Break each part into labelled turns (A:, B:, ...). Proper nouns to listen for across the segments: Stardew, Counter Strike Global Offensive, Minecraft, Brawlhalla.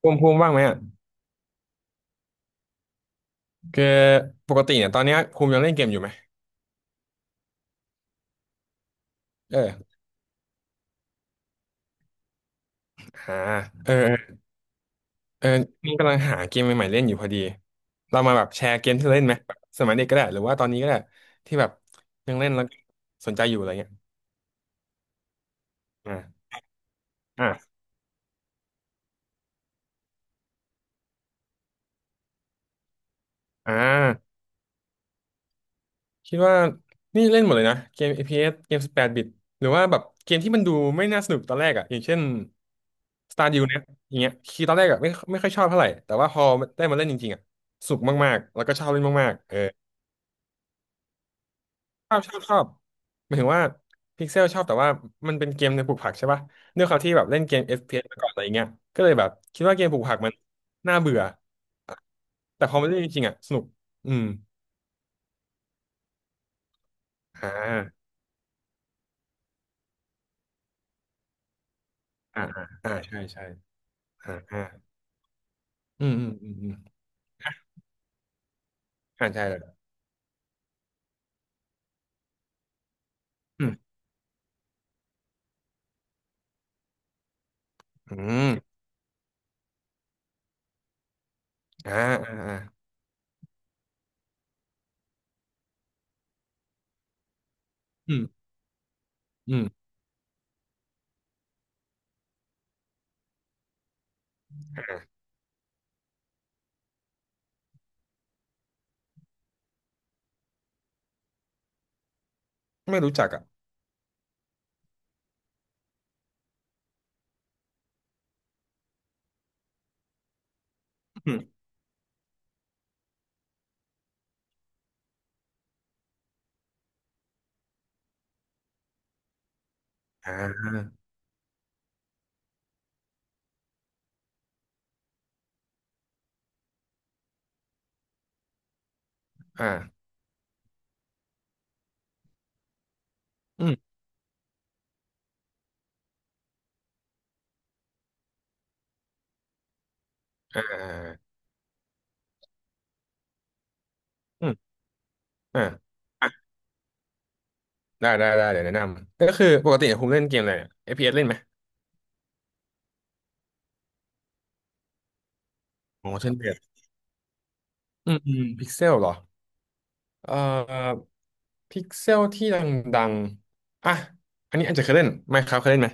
A: ภูมิว่างไหมอ่ะคือปกติเนี่ยตอนเนี้ยภูมิยังเล่นเกมอยู่ไหมเออหาเออเออเออนี่กำลังหาเกมใหม่ๆเล่นอยู่พอดีเรามาแบบแชร์เกมที่เราเล่นไหมแบบสมัยเด็กก็ได้หรือว่าตอนนี้ก็ได้ที่แบบยังเล่นแล้วสนใจอยู่อะไรเงี้ยอ่าอ่าอ่าคิดว่านี่เล่นหมดเลยนะเกม FPS เอสเกม18บแปดบิตหรือว่าแบบเกมที่มันดูไม่น่าสนุกตอนแรกอ่ะอย่างเช่น Stardew เนี่ยอย่างเงี้ยคือตอนแรกอ่ะไม่ค่อยชอบเท่าไหร่แต่ว่าพอได้มาเล่นจริงๆอ่ะสุกมากๆแล้วก็ชอบเล่นมากๆเออ ชอบชอบชอบหมายถึงว่าพิกเซลชอบแต่ว่ามันเป็นเกมในปลูกผักใช่ป่ะด้วยความที่แบบเล่นเกม FPS มาก่อนอะไรเงี้ยก็เลยแบบคิดว่าเกมปลูกผักมันน่าเบื่อแต่พอมาเล่นจริงๆอ่ะสนุกอืมอ่าอ่าอ่าอ่าใช่ใช่อ่าอ่าอืมอืมอืมอืมอ่าใช่เลยอืมอืมอ่าอ่าอ่าอืมอืมอ่าไม่รู้จักอ่ะอืมอ่าอ่าอืมอ่าอ่าอืมอ่าอ่ะได้ได้ได้เดี๋ยวแนะนำก็คือปกติผมเล่นเกมอะไรเนี่ย FPS เอสเล่นไหม อ๋อเช่นเดียอืมอืมพิกเซลเหรอเอ่อพิกเซลที่ดังๆอ่ะอันนี้อาจจะเคยเล่นไหมครับเคยเล่นไหม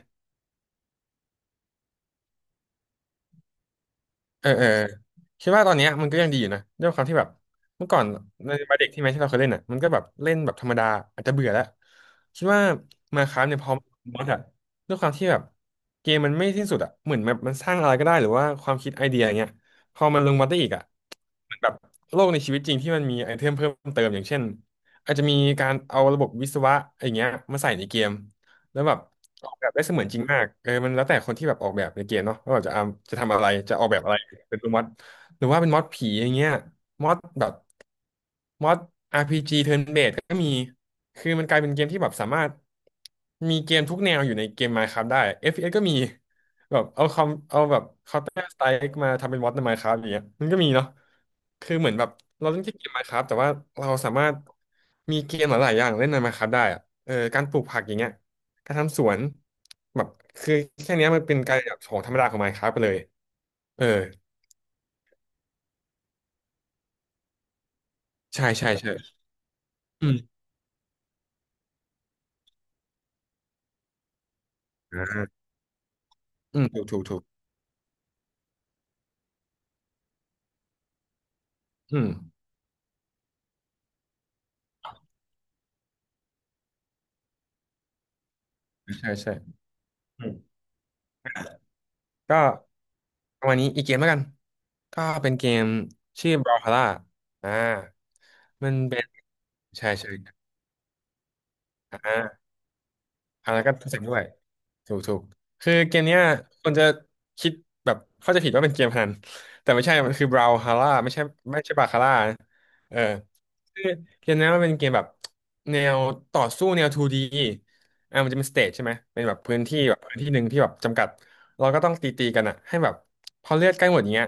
A: เออเออคิดว่าตอนเนี้ยมันก็ยังดีอยู่นะด้วยความที่แบบเมื่อก่อนในวัยเด็กที่แม้ที่เราเคยเล่นอ่ะมันก็แบบเล่นแบบธรรมดาอาจจะเบื่อแล้วคิดว่ามาคราฟเนี่ยพอมอดอะด้วยความที่แบบเกมมันไม่สิ้นสุดอ่ะเหมือนแบบมันสร้างอะไรก็ได้หรือว่าความคิดไอเดียอย่างเงี้ยพอมันลงมาได้อีกอ่ะ เหมือนแบบโลกในชีวิตจริงที่มันมีไอเทมเพิ่มเติมอย่างเช่นอาจจะมีการเอาระบบวิศวะอะไรเงี้ยมาใส่ในเกมแล้วแบบออกแบบได้เสมือนจริงมากเออมันแล้วแต่คนที่แบบออกแบบในเกมเนาะว่าแบบจะเอาจะทำอะไรจะออกแบบอะไรเป็นม็อดหรือว่าเป็นม็อดผีอย่างเงี้ยม็อดแบบม็อด RPG turn based ก็มีคือมันกลายเป็นเกมที่แบบสามารถมีเกมทุกแนวอยู่ในเกม Minecraft ได้ FPS ก็มี แบบเอาคอมเอาแบบเคาน์เตอร์สไตล์มาทำเป็นมอดใน Minecraft อย่างเงี้ยมันก็มีเนาะคือเหมือนแบบเราเล่นแค่เกม Minecraft แต่ว่าเราสามารถมีเกมหลายๆอย่างเล่นใน Minecraft ได้อะเออการปลูกผักอย่างเงี้ยการทำสวนแบบคือแค่เนี้ยมันเป็นการแบบของธรรมดาของ Minecraft ไปเลยเออใช่ใช่ใช่อืมอ่าอืมถูกถูกถูกอืมใช่ใช่อืมก็ประมาณนี้อีกเกมแล้วกันก็เป็นเกมชื่อ Brawlhalla อ่ามันเป็นใช่ใช่ อ่าอ่าแล้วก็โทรศัพท์ด้วยถูกถูกคือเกมเนี้ยคนจะคิดแบบเข้าใจผิดว่าเป็นเกมพนัน แต่ไม่ใช่มันคือบราวฮาร่าไม่ใช่ไม่ใช่บาคาร่านะเออคือเกมเนี้ยมันเป็นเกมแบบแนวต่อสู้แนว 2D อ่ามันจะเป็นสเตจใช่ไหม เป็นแบบพื้นที่แบบพื้นที่หนึ่งที่แบบจำกัด เราก็ต้องตีตีกันอะให้แบบพอเลือดใกล้หมดอย่างเงี้ย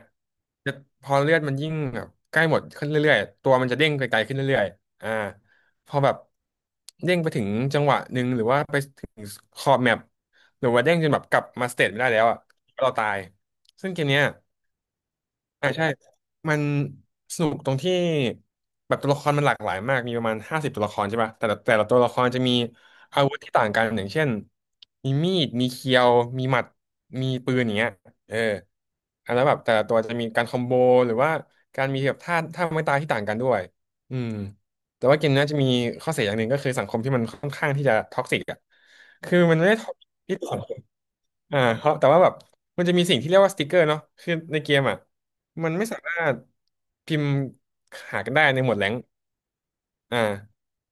A: จะพอเลือดมันยิ่งแบบใกล้หมดขึ้นเรื่อยๆตัวมันจะเด้งไกลๆขึ้นเรื่อยๆอ่า พอแบบเด้งไปถึงจังหวะหนึ่งหรือว่าไปถึงขอบแมปหรือว่าเด้งจนแบบกลับมาสเตจไม่ได้แล้วอ่ะเราตายซึ่งเกมเนี้ย อ่าใช่มันสนุกตรงที่แบบตัวละครมันหลากหลายมากมีประมาณ50ตัวละครใช่ปะแต่ละตัวละครจะมีอาวุธที่ต่างกันอย่างเช่นมีมีดมีเคียวมีหมัดมีปืนอย่างเงี้ยเอออ่ะแล้วแบบแต่ละตัวจะมีการคอมโบหรือว่าการมีแบบท่าไม้ตายที่ต่างกันด้วยอืมแต่ว่าเกมนี้ยจะมีข้อเสียอย่างหนึ่งก็คือสังคมที่มันค่อนข้างที่จะท็อกซิกอ่ะคือมันไม่ได้ท็อกซิกที่สังคม เพราะแต่ว่าแบบมันจะมีสิ่งที่เรียกว่าสติกเกอร์เนาะคือในเกมอ่ะมันไม่สามารถพิมพ์หากันได้ในหมวดแรงค์อ่า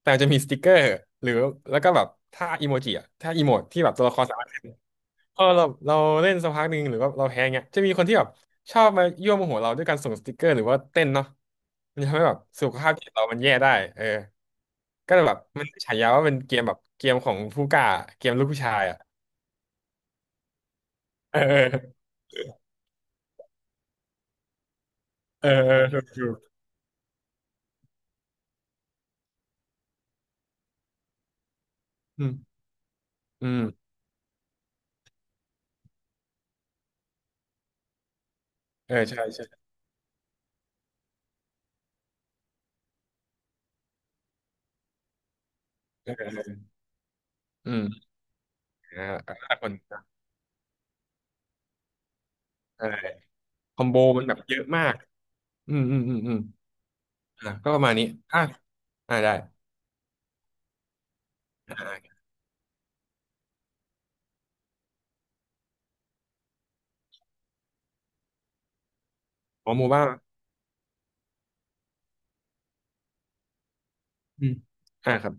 A: แต่จะมีสติกเกอร์หรือแล้วก็แบบถ้าอีโมจิอ่ะถ้าอีโมดที่แบบตัวละครสามารถเล่นพอเราเล่นสักพักหนึ่งหรือว่าเราแพ้เงี้ยจะมีคนที่แบบชอบมายั่วโมโหเราด้วยการส่งสติกเกอร์หรือว่าเต้นเนาะมันจะทำให้แบบสุขภาพจิตเรามันแย่ได้เออก็เลยแบบมันฉายาว่าเป็นเกมแบบเกมของผู้กล้าเกมลูกผู้ชายอ่ะเออเออถูกถูกอืม อืมเออใช่ใช่เออเอออืมอ่าอ่าคนใช่คอมโบมันแบบเยอะมากอืมก็ประมาณนี้อ่าอ่าได้อ่าขอโมบ้างอืมอ่าครับ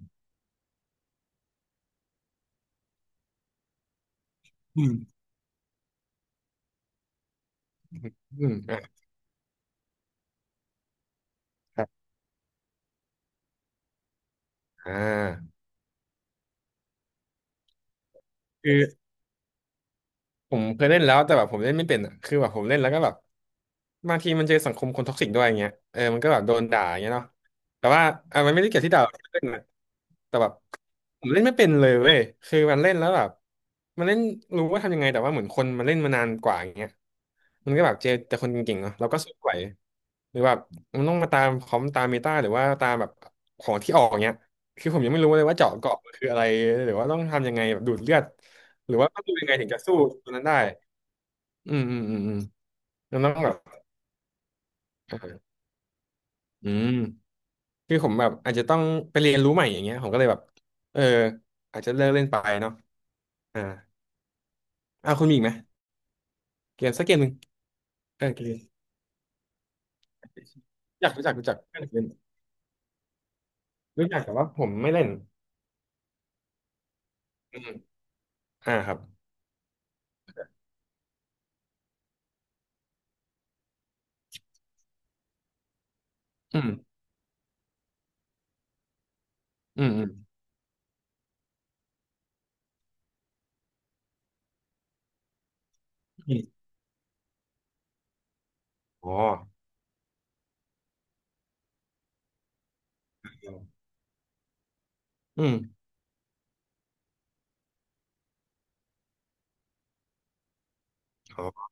A: อืมอืมอ่าครับอ่าคือ ผมเคยเล่นแล้วแต่แบบผมเล่นไม่เป็นอ่ะคือแบบผมเล่นแล้วก็แบบบางทีมันเจอสังคมคนท็อกซิกด้วยอย่างเงี้ยเออมันก็แบบโดนด่าอย่างเงี้ยเนาะแต่ว่าอ่ะมันไม่ได้เกี่ยวที่ด่าเล่นนะแต่แบบผมเล่นไม่เป็นเลยเว้ยคือมันเล่นแล้วแบบมันเล่นรู้ว่าทำยังไงแต่ว่าเหมือนคนมันเล่นมานานกว่าอย่างเงี้ยมันก็แบบเจอแต่คนเก่งๆเนาะเราก็สู้ไหวหรือแบบมันต้องมาตามคอมตามเมตาหรือว่าตามแบบของที่ออกเงี้ยคือผมยังไม่รู้เลยว่าเจาะเกาะคืออะไรหรือว่าต้องทำยังไงแบบดูดเลือด หรือว่าต้องดูยังไงถึงจะสู้ตัวนั้นได้อืมมันต้องแบบเอออืมคือผมแบบอาจจะต้องไปเรียนรู้ใหม่อย่างเงี้ยผมก็เลยแบบเอออาจจะเลิกเล่นไปเนาะอ่าอ่าคุณมีอีกไหมเกมสักเกมหนึ่งเออเกมอยากรู้จักรู้จักเล่นเล่นรู้จักแต่ว่าผมไม่เล่นอืมอ่าครับอืมอืมอืมอืมอ๋ออืมอ๋อ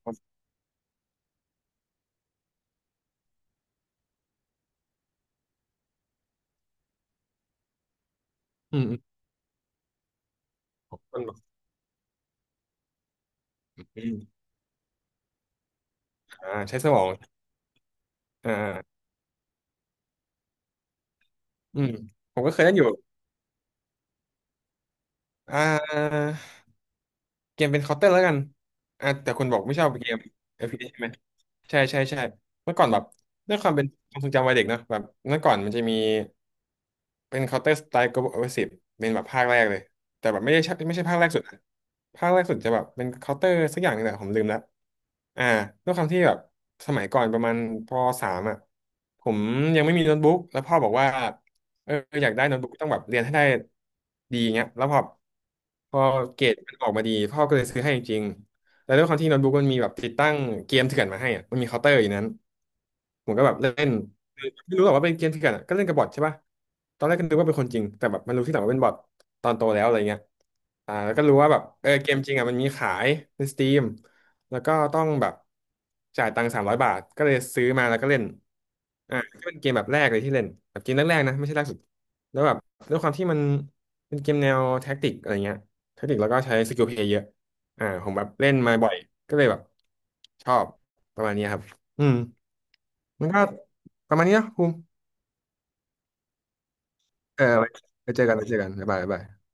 A: อืมอืมคนบอกอืมใช้สมองอ่าอืมผมก็เคยเล่นอยู่อ่า เกมเป็นเคาน์เตอร์แล้วกันอ่ะแต่คุณบอกไม่ชอบเกม FPS ใช่ไหม ใช่ใช่ใช่เมื่อก่อนแบบด้วยความเป็นความทรงจำวัยเด็กเนอะแบบเมื่อก่อนมันจะมีเป็น Counter Strike Global Offensive เป็นแบบภาคแรกเลยแต่แบบไม่ได้ไม่ใช่ภาคแรกสุดนะภาคแรกสุดจะแบบเป็น Counter สักอย่างหนึงแหละผมลืมแล้วอ่าด้วยความที่แบบสมัยก่อนประมาณปสามอ่ะผมยังไม่มีโน้ตบุ๊กแล้วพ่อบอกว่าเอออยากได้โน้ตบุ๊กต้องแบบเรียนให้ได้ดีเงี้ยแล้วพอเกรดมันออกมาดีพ่อก็เลยซื้อให้จริง แล้วด้วยความที่โน้ตบุ๊กมันมีแบบติดตั้งเกมเถื่อนมาให้อ่ะมันมีเคาน์เตอร์อยู่นั้นผมก็แบบเล่นคือไม่รู้หรอกว่าเป็นเกมเถื่อนอะก็เล่นกับบอทใช่ป่ะตอนแรกก็นึกว่าเป็นคนจริงแต่แบบมันรู้ที่หลังว่าเป็นบอทตอนโตแล้วอะไรเงี้ยแล้วก็รู้ว่าแบบเออเกมจริงอ่ะมันมีขายในสตรีมแล้วก็ต้องแบบจ่ายตังค์300 บาทก็เลยซื้อมาแล้วก็เล่นอ่าก็เป็นเกมแบบแรกเลยที่เล่นแบบเกมแรกๆนะไม่ใช่ล่าสุดแล้วแบบด้วยความที่มันเป็นเกมแนวแท็กติกอะไรเงี้ยแท็กติกแล้วก็ใช้สกิลเพลย์เยอะ ผมแบบเล่นมาบ่อยก็เลยแบบชอบประมาณนี้ครับอืมมันก็ประมาณนี้นะภูมิเออไว้เจอกันบ๊ายบายบ๊ายบาย